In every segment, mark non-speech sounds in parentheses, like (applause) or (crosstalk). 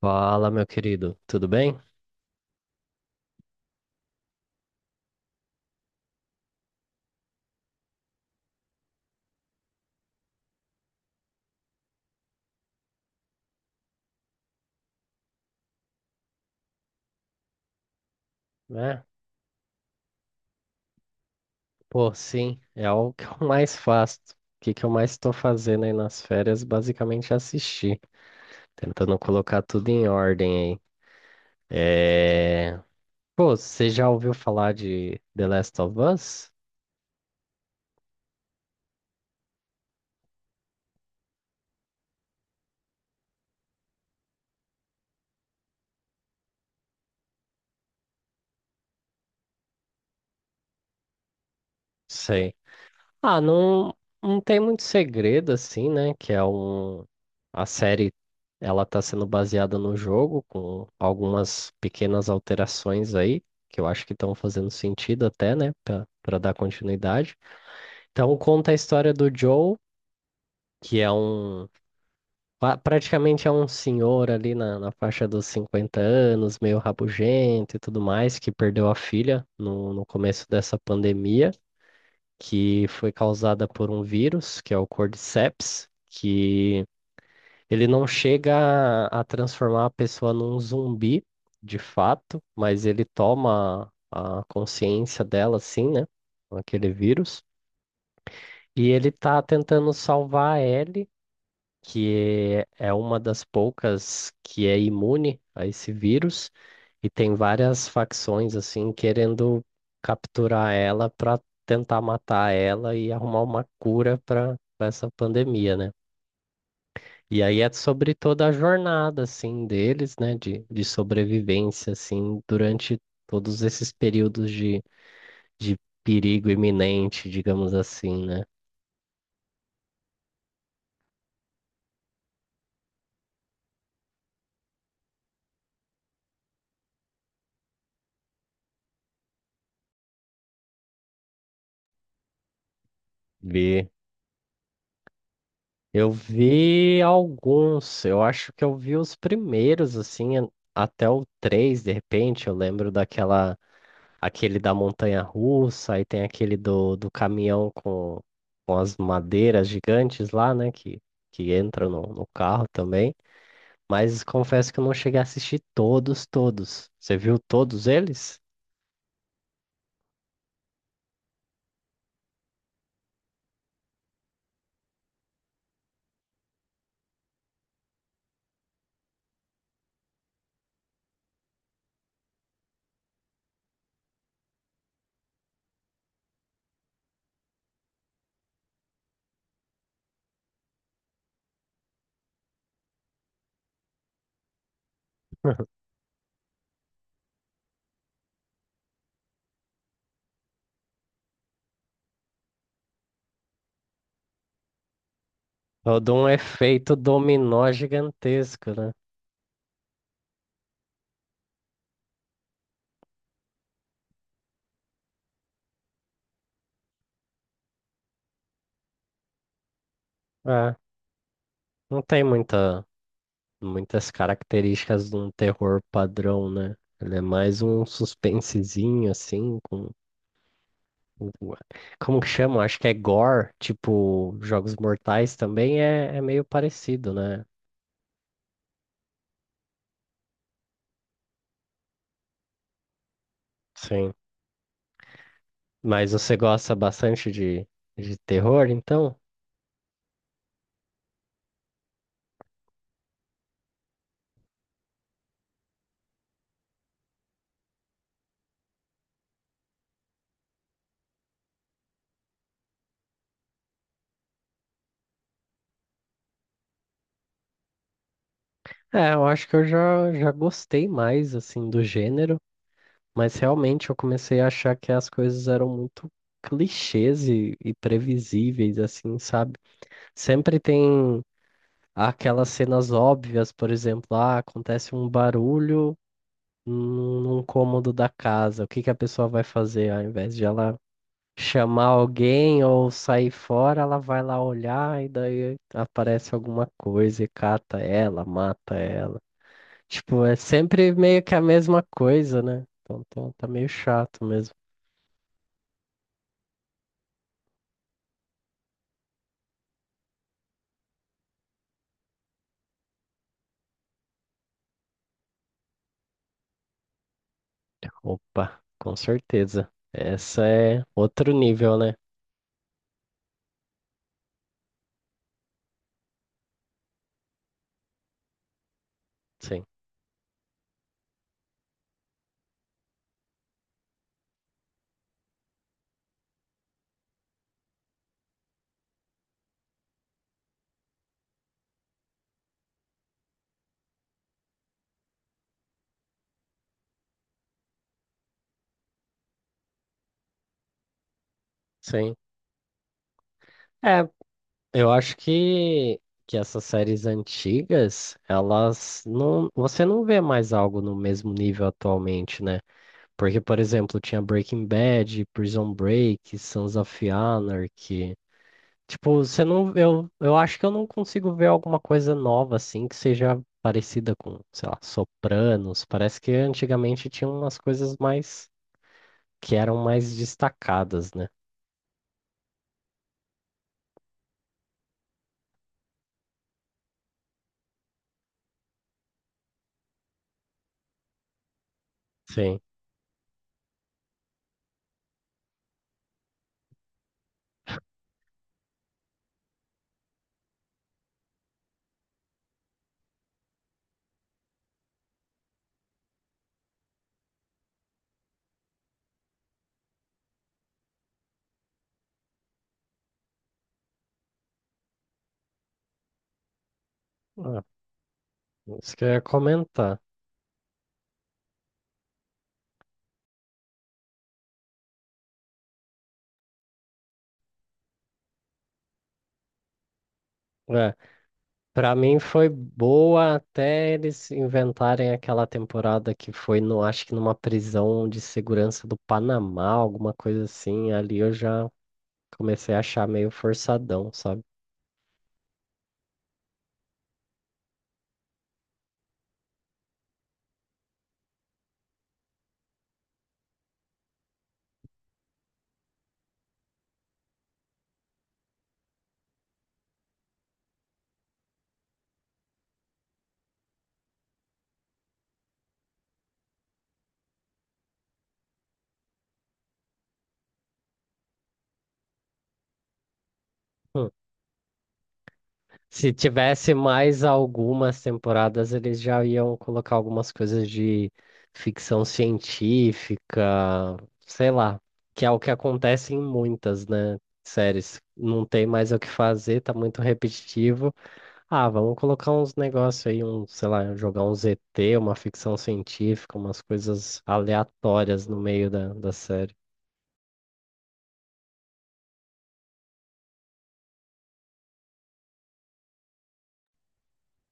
Fala, meu querido, tudo bem? É? Pô, sim, é o que eu mais faço. O que que eu mais estou fazendo aí nas férias, basicamente é assistir, tentando colocar tudo em ordem aí. É... Pô, você já ouviu falar de The Last of Us? Sei. Ah, não, não tem muito segredo assim, né? Que é um. A série, ela tá sendo baseada no jogo, com algumas pequenas alterações aí, que eu acho que estão fazendo sentido até, né? Pra dar continuidade. Então, conta a história do Joe, que é um. Pa- praticamente é um senhor ali na faixa dos 50 anos, meio rabugento e tudo mais, que perdeu a filha no começo dessa pandemia, que foi causada por um vírus, que é o Cordyceps, que ele não chega a transformar a pessoa num zumbi, de fato, mas ele toma a consciência dela, assim, né, com aquele vírus. E ele tá tentando salvar a Ellie, que é uma das poucas que é imune a esse vírus, e tem várias facções assim querendo capturar ela para tentar matar ela e arrumar uma cura para essa pandemia, né? E aí é sobre toda a jornada assim deles, né, de sobrevivência assim durante todos esses períodos de perigo iminente, digamos assim, né? Ver Eu vi alguns, eu acho que eu vi os primeiros, assim, até o 3. De repente, eu lembro aquele da montanha russa, aí tem aquele do caminhão com as madeiras gigantes lá, né, que entram no carro também, mas confesso que eu não cheguei a assistir todos, todos. Você viu todos eles? (laughs) Todo um efeito dominó gigantesco, né? É, não tem muitas características de um terror padrão, né? Ele é mais um suspensezinho, assim, com- como que chama? Acho que é gore, tipo, Jogos Mortais também é meio parecido, né? Sim. Mas você gosta bastante de terror, então? É, eu acho que eu já gostei mais, assim, do gênero, mas realmente eu comecei a achar que as coisas eram muito clichês e previsíveis, assim, sabe? Sempre tem aquelas cenas óbvias, por exemplo, ah, acontece um barulho num cômodo da casa, o que que a pessoa vai fazer? Ao invés de ela chamar alguém ou sair fora, ela vai lá olhar e daí aparece alguma coisa e cata ela, mata ela. Tipo, é sempre meio que a mesma coisa, né? Então tá, tá meio chato mesmo. Opa, com certeza. Essa é outro nível, né? Sim, sim. É, eu acho que essas séries antigas, elas não. você não vê mais algo no mesmo nível atualmente, né? Porque, por exemplo, tinha Breaking Bad, Prison Break, Sons of Anarchy. Tipo, você não, eu, acho que eu não consigo ver alguma coisa nova assim que seja parecida com, sei lá, Sopranos. Parece que antigamente tinha umas coisas mais que eram mais destacadas, né? Sim. Ah, isso que eu ia comentar. É, para mim foi boa até eles inventarem aquela temporada que foi no, acho que numa prisão de segurança do Panamá, alguma coisa assim. Ali eu já comecei a achar meio forçadão, sabe? Se tivesse mais algumas temporadas, eles já iam colocar algumas coisas de ficção científica, sei lá, que é o que acontece em muitas, né, séries. Não tem mais o que fazer, tá muito repetitivo. Ah, vamos colocar uns negócios aí, um, sei lá, jogar um ZT, uma ficção científica, umas coisas aleatórias no meio da série.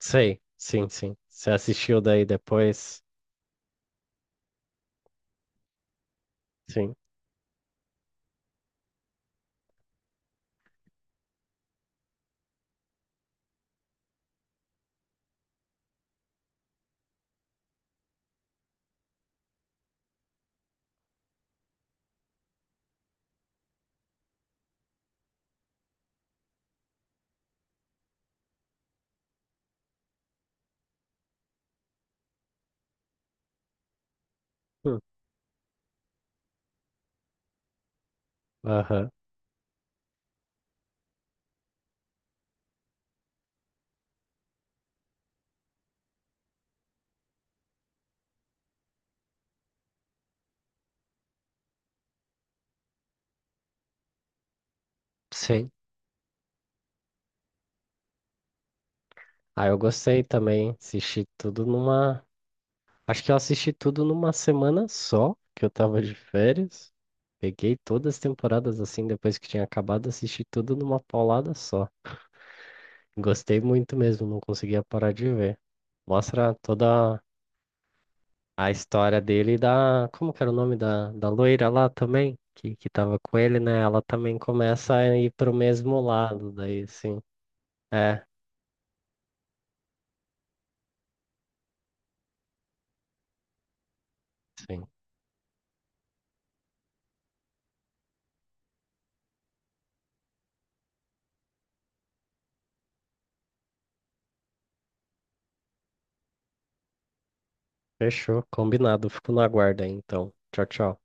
Sei, sim, sim. Você assistiu daí depois? Sim. Hum. Aham. Sim. Ah, eu gostei também. Assisti tudo numa. Acho que eu assisti tudo numa semana só, que eu tava de férias. Peguei todas as temporadas assim, depois que tinha acabado, assisti tudo numa paulada só. Gostei muito mesmo, não conseguia parar de ver. Mostra toda a história dele e da. Como que era o nome da loira lá também? Que tava com ele, né? Ela também começa a ir pro mesmo lado, daí sim. É, sim. Fechou, combinado. Fico no aguardo aí, então. Tchau, tchau.